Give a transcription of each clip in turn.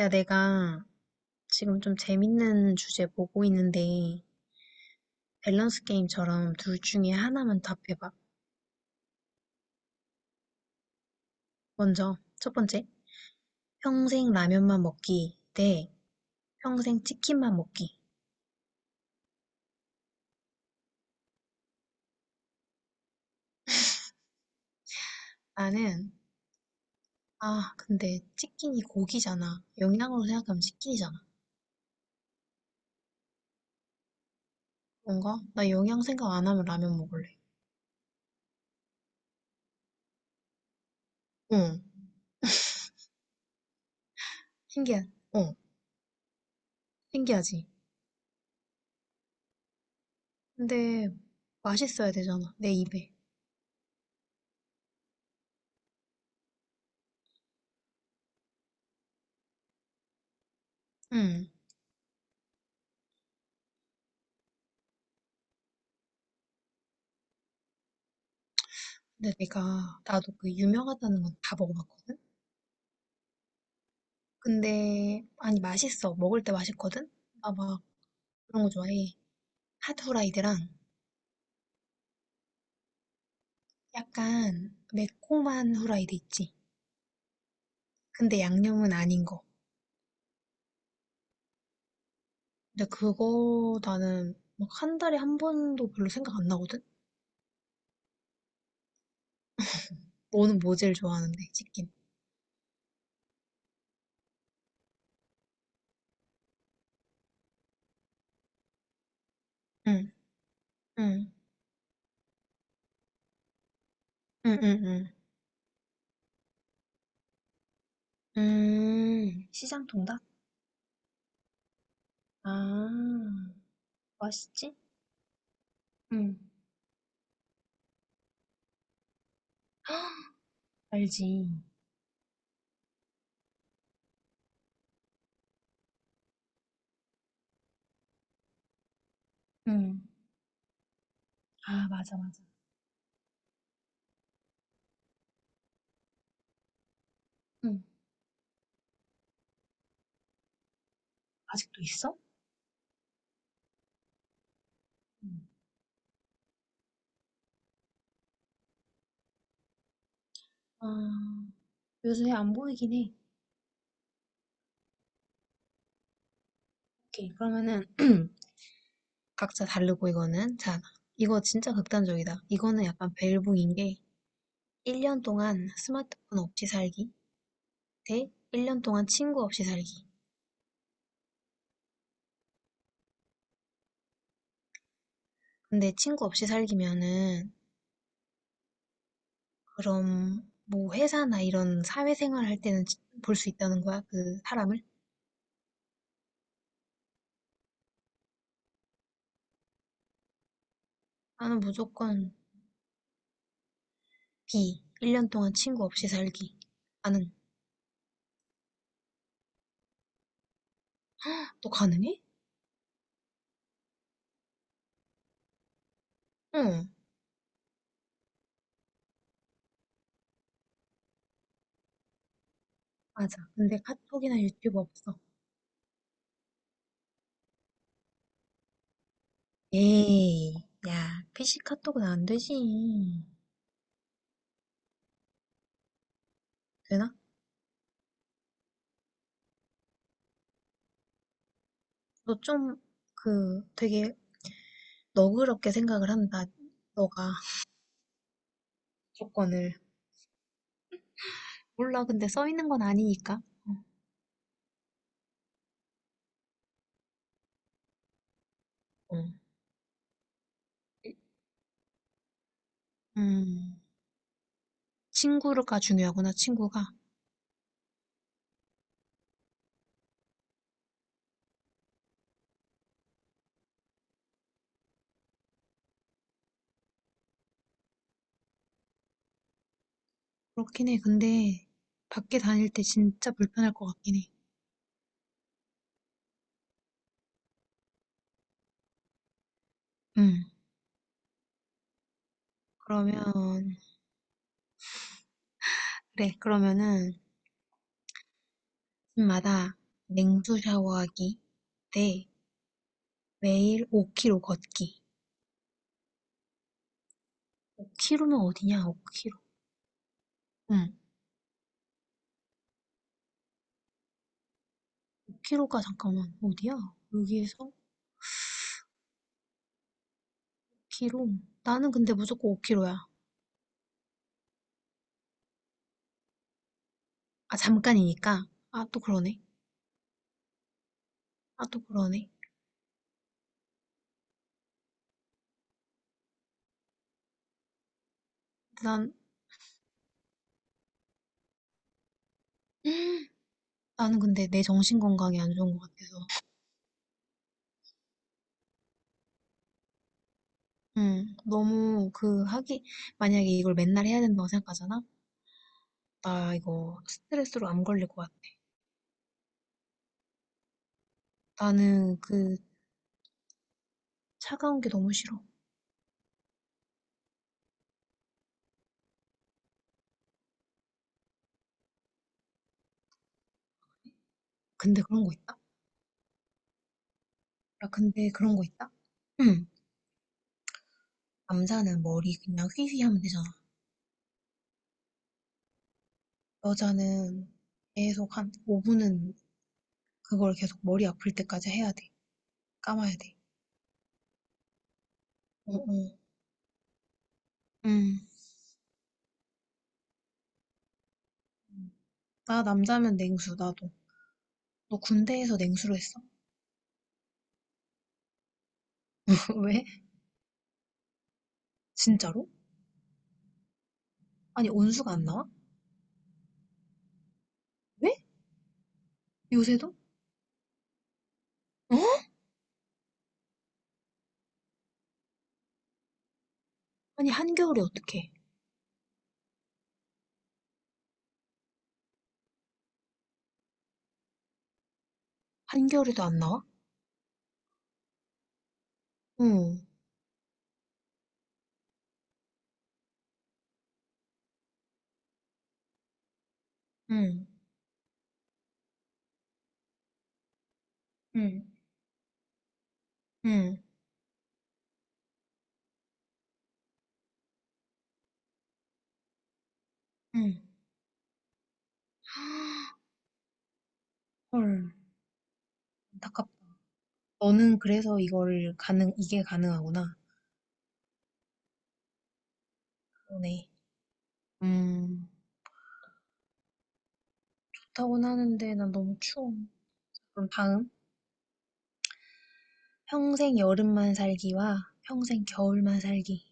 야, 내가 지금 좀 재밌는 주제 보고 있는데, 밸런스 게임처럼 둘 중에 하나만 답해봐. 먼저, 첫 번째, 평생 라면만 먹기 대 평생 치킨만 먹기. 나는, 근데 치킨이 고기잖아. 영양으로 생각하면 치킨이잖아. 뭔가? 나 영양 생각 안 하면 라면 먹을래. 응. 신기하, 어, 신기하지. 근데 맛있어야 되잖아, 내 입에. 응. 근데 나도 그 유명하다는 건 다 먹어봤거든? 근데 아니 맛있어. 먹을 때 맛있거든. 나 막 그런 거 좋아해. 핫 후라이드랑 약간 매콤한 후라이드 있지. 근데 양념은 아닌 거. 근데 그거 나는 막 한 달에 한 번도 별로 생각 안 나거든. 너는 뭐 제일 좋아하는데? 치킨. 응, 응, 응, 응, 응. 시장 통닭? 아, 맛있지? 응, 알지. 응. 아, 맞아, 맞아. 응. 아직도 있어? 응. 아. 요새 안 보이긴 해. 오케이. 그러면은 각자 다르고 이거는 자, 이거 진짜 극단적이다. 이거는 약간 벨붕인 게 1년 동안 스마트폰 없이 살기 대 1년 동안 친구 없이 살기. 근데 친구 없이 살기면은 그럼 뭐 회사나 이런 사회생활 할 때는 볼 수 있다는 거야? 그 사람을? 나는 무조건 B. 1년 동안 친구 없이 살기. 나는 또 가능해? 응. 맞아. 근데 카톡이나 유튜브 없어. 에이, 야, PC 카톡은 안 되지. 되나? 너 좀, 되게 너그럽게 생각을 한다. 너가 조건을. 몰라, 근데 써 있는 건 아니니까. 어, 어. 음, 친구가 중요하구나, 친구가. 그렇긴 해. 근데 밖에 다닐 때 진짜 불편할 것 같긴 해. 음. 그러면, 그래, 그러면은 집마다 냉수 샤워하기 대 매일 5km 걷기. 5km면 어디냐, 응. 5 k 로가 잠깐만 어디야? 여기에서 5km? 나는 근데 무조건 5 k 로야. 아 잠깐이니까. 아 또 그러네. 아 또 그러네. 난 나는 근데 내 정신 건강이 안 좋은 것 같아서. 응. 너무 그 하기 만약에 이걸 맨날 해야 된다고 생각하잖아. 나 이거 스트레스로 안 걸릴 것 같아. 나는 차가운 게 너무 싫어. 근데 그런 거 있다? 야 근데 그런 거 있다? 응. 남자는 머리 그냥 휘휘 하면 되잖아. 여자는 계속 한 5분은 그걸 계속 머리 아플 때까지 해야 돼. 감아야 돼. 어, 어. 음. 음. 나 남자면 냉수, 나도. 너 군대에서 냉수로 했어? 왜? 진짜로? 아니, 온수가 안 나와? 왜? 요새도? 어? 아니, 한겨울에 어떡해? 한겨울에도 안 나와? 응, 응, 응, 응, 응. 헐. 안타깝다. 너는 그래서 이게 가능하구나. 그러네. 음. 좋다고는 하는데 난 너무 추워. 그럼 다음. 평생 여름만 살기와 평생 겨울만 살기.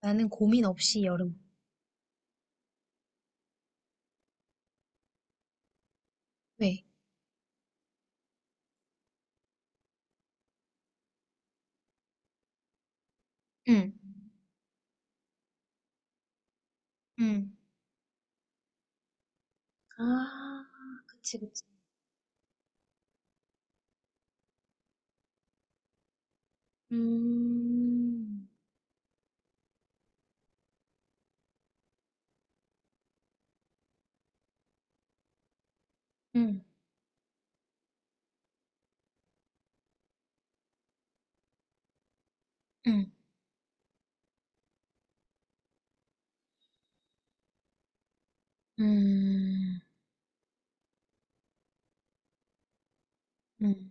나는 고민 없이 여름. 왜? 응, 응, 아, 그치, 그치. 음, 응, 응, 음, 응.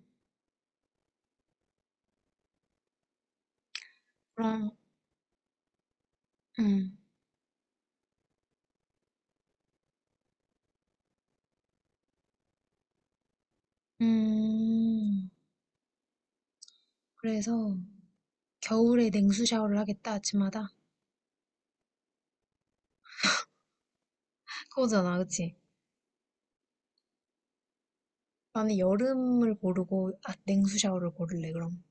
그럼, 응, 음. 그래서 겨울에 냉수 샤워를 하겠다, 아침마다. 그거잖아, 그치? 나는 여름을 고르고, 아, 냉수 샤워를 고를래, 그럼.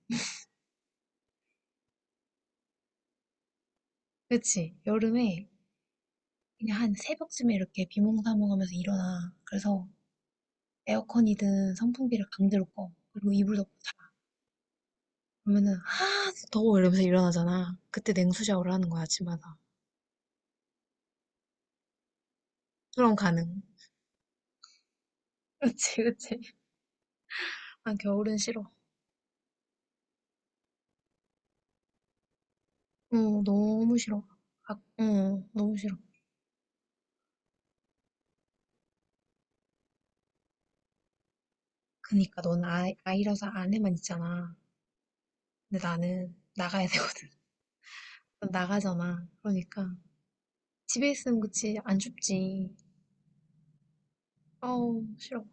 그치? 여름에 그냥 한 새벽쯤에 이렇게 비몽사몽하면서 일어나. 그래서 에어컨이든 선풍기를 강제로 꺼. 그리고 이불 덮고 자. 그러면은 아 더워 이러면서 일어나잖아. 그때 냉수 샤워를 하는 거야 아침마다. 그럼 가능. 그치 그치. 아 겨울은 싫어. 어 너무 싫어. 아, 어 너무 싫어. 그니까 넌 아, 아이라서 안에만 있잖아. 근데 나는 나가야 되거든. 난 나가잖아. 그러니까 집에 있으면 그치 안 춥지. 어우 싫어.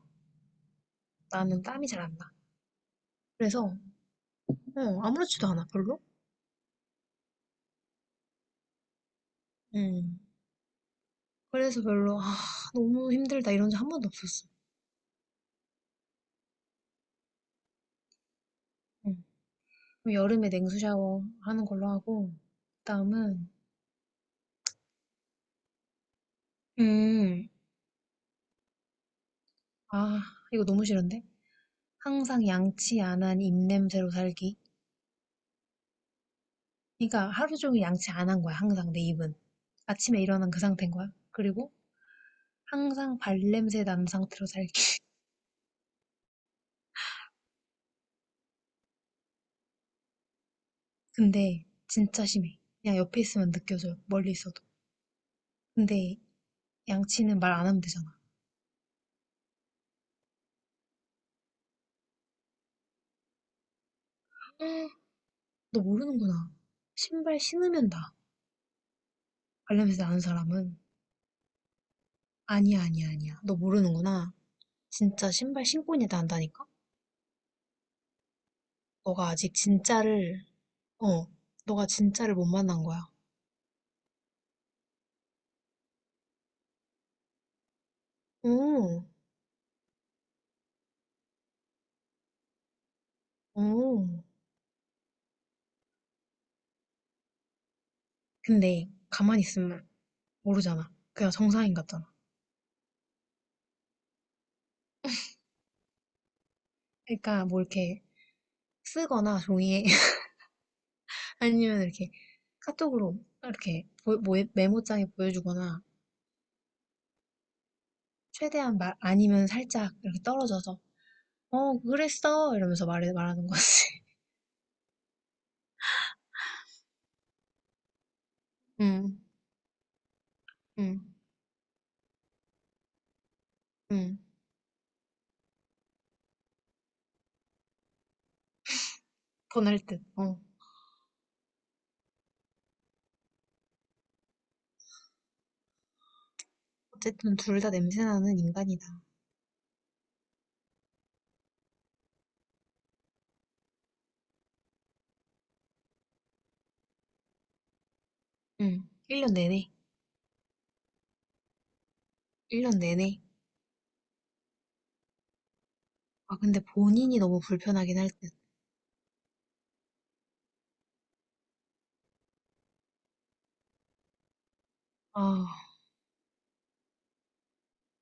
나는 땀이 잘 안 나. 그래서 아무렇지도 않아, 별로. 음. 그래서 너무 힘들다, 이런 적 한 번도 없었어. 음. 그럼 여름에 냉수 샤워 하는 걸로 하고, 그다음은, 음, 아, 이거 너무 싫은데? 항상 양치 안 한 입냄새로 살기. 그러니까 하루 종일 양치 안 한 거야, 항상 내 입은. 아침에 일어난 그 상태인 거야. 그리고 항상 발냄새 난 상태로 살기. 근데 진짜 심해. 그냥 옆에 있으면 느껴져요, 멀리 있어도. 근데 양치는 말 안 하면 되잖아. 너 모르는구나. 신발 신으면 나. 발냄새 나는 사람은. 아니야, 아니야, 아니야. 너 모르는구나. 진짜 신발 신고 있는 애 난다니까? 너가 아직 진짜를, 어, 너가 진짜를 못 만난 거야. 오, 오. 근데 가만히 있으면 모르잖아. 그냥 정상인 같잖아. 그러니까 뭐 이렇게 쓰거나 종이에 아니면 이렇게 카톡으로 이렇게 메모장에 보여주거나 최대한 말 아니면 살짝 이렇게 떨어져서 어, 그랬어. 이러면서 말하는 거지. 응, 응, 응, 보낼 듯. 어. 어쨌든 둘 다 냄새나는 인간이다. 응. 1년 내내. 1년 내내. 아, 근데 본인이 너무 불편하긴 할 듯. 아,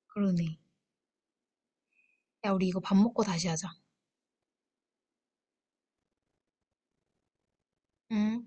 그러네. 야, 우리 이거 밥 먹고 다시 하자. 응.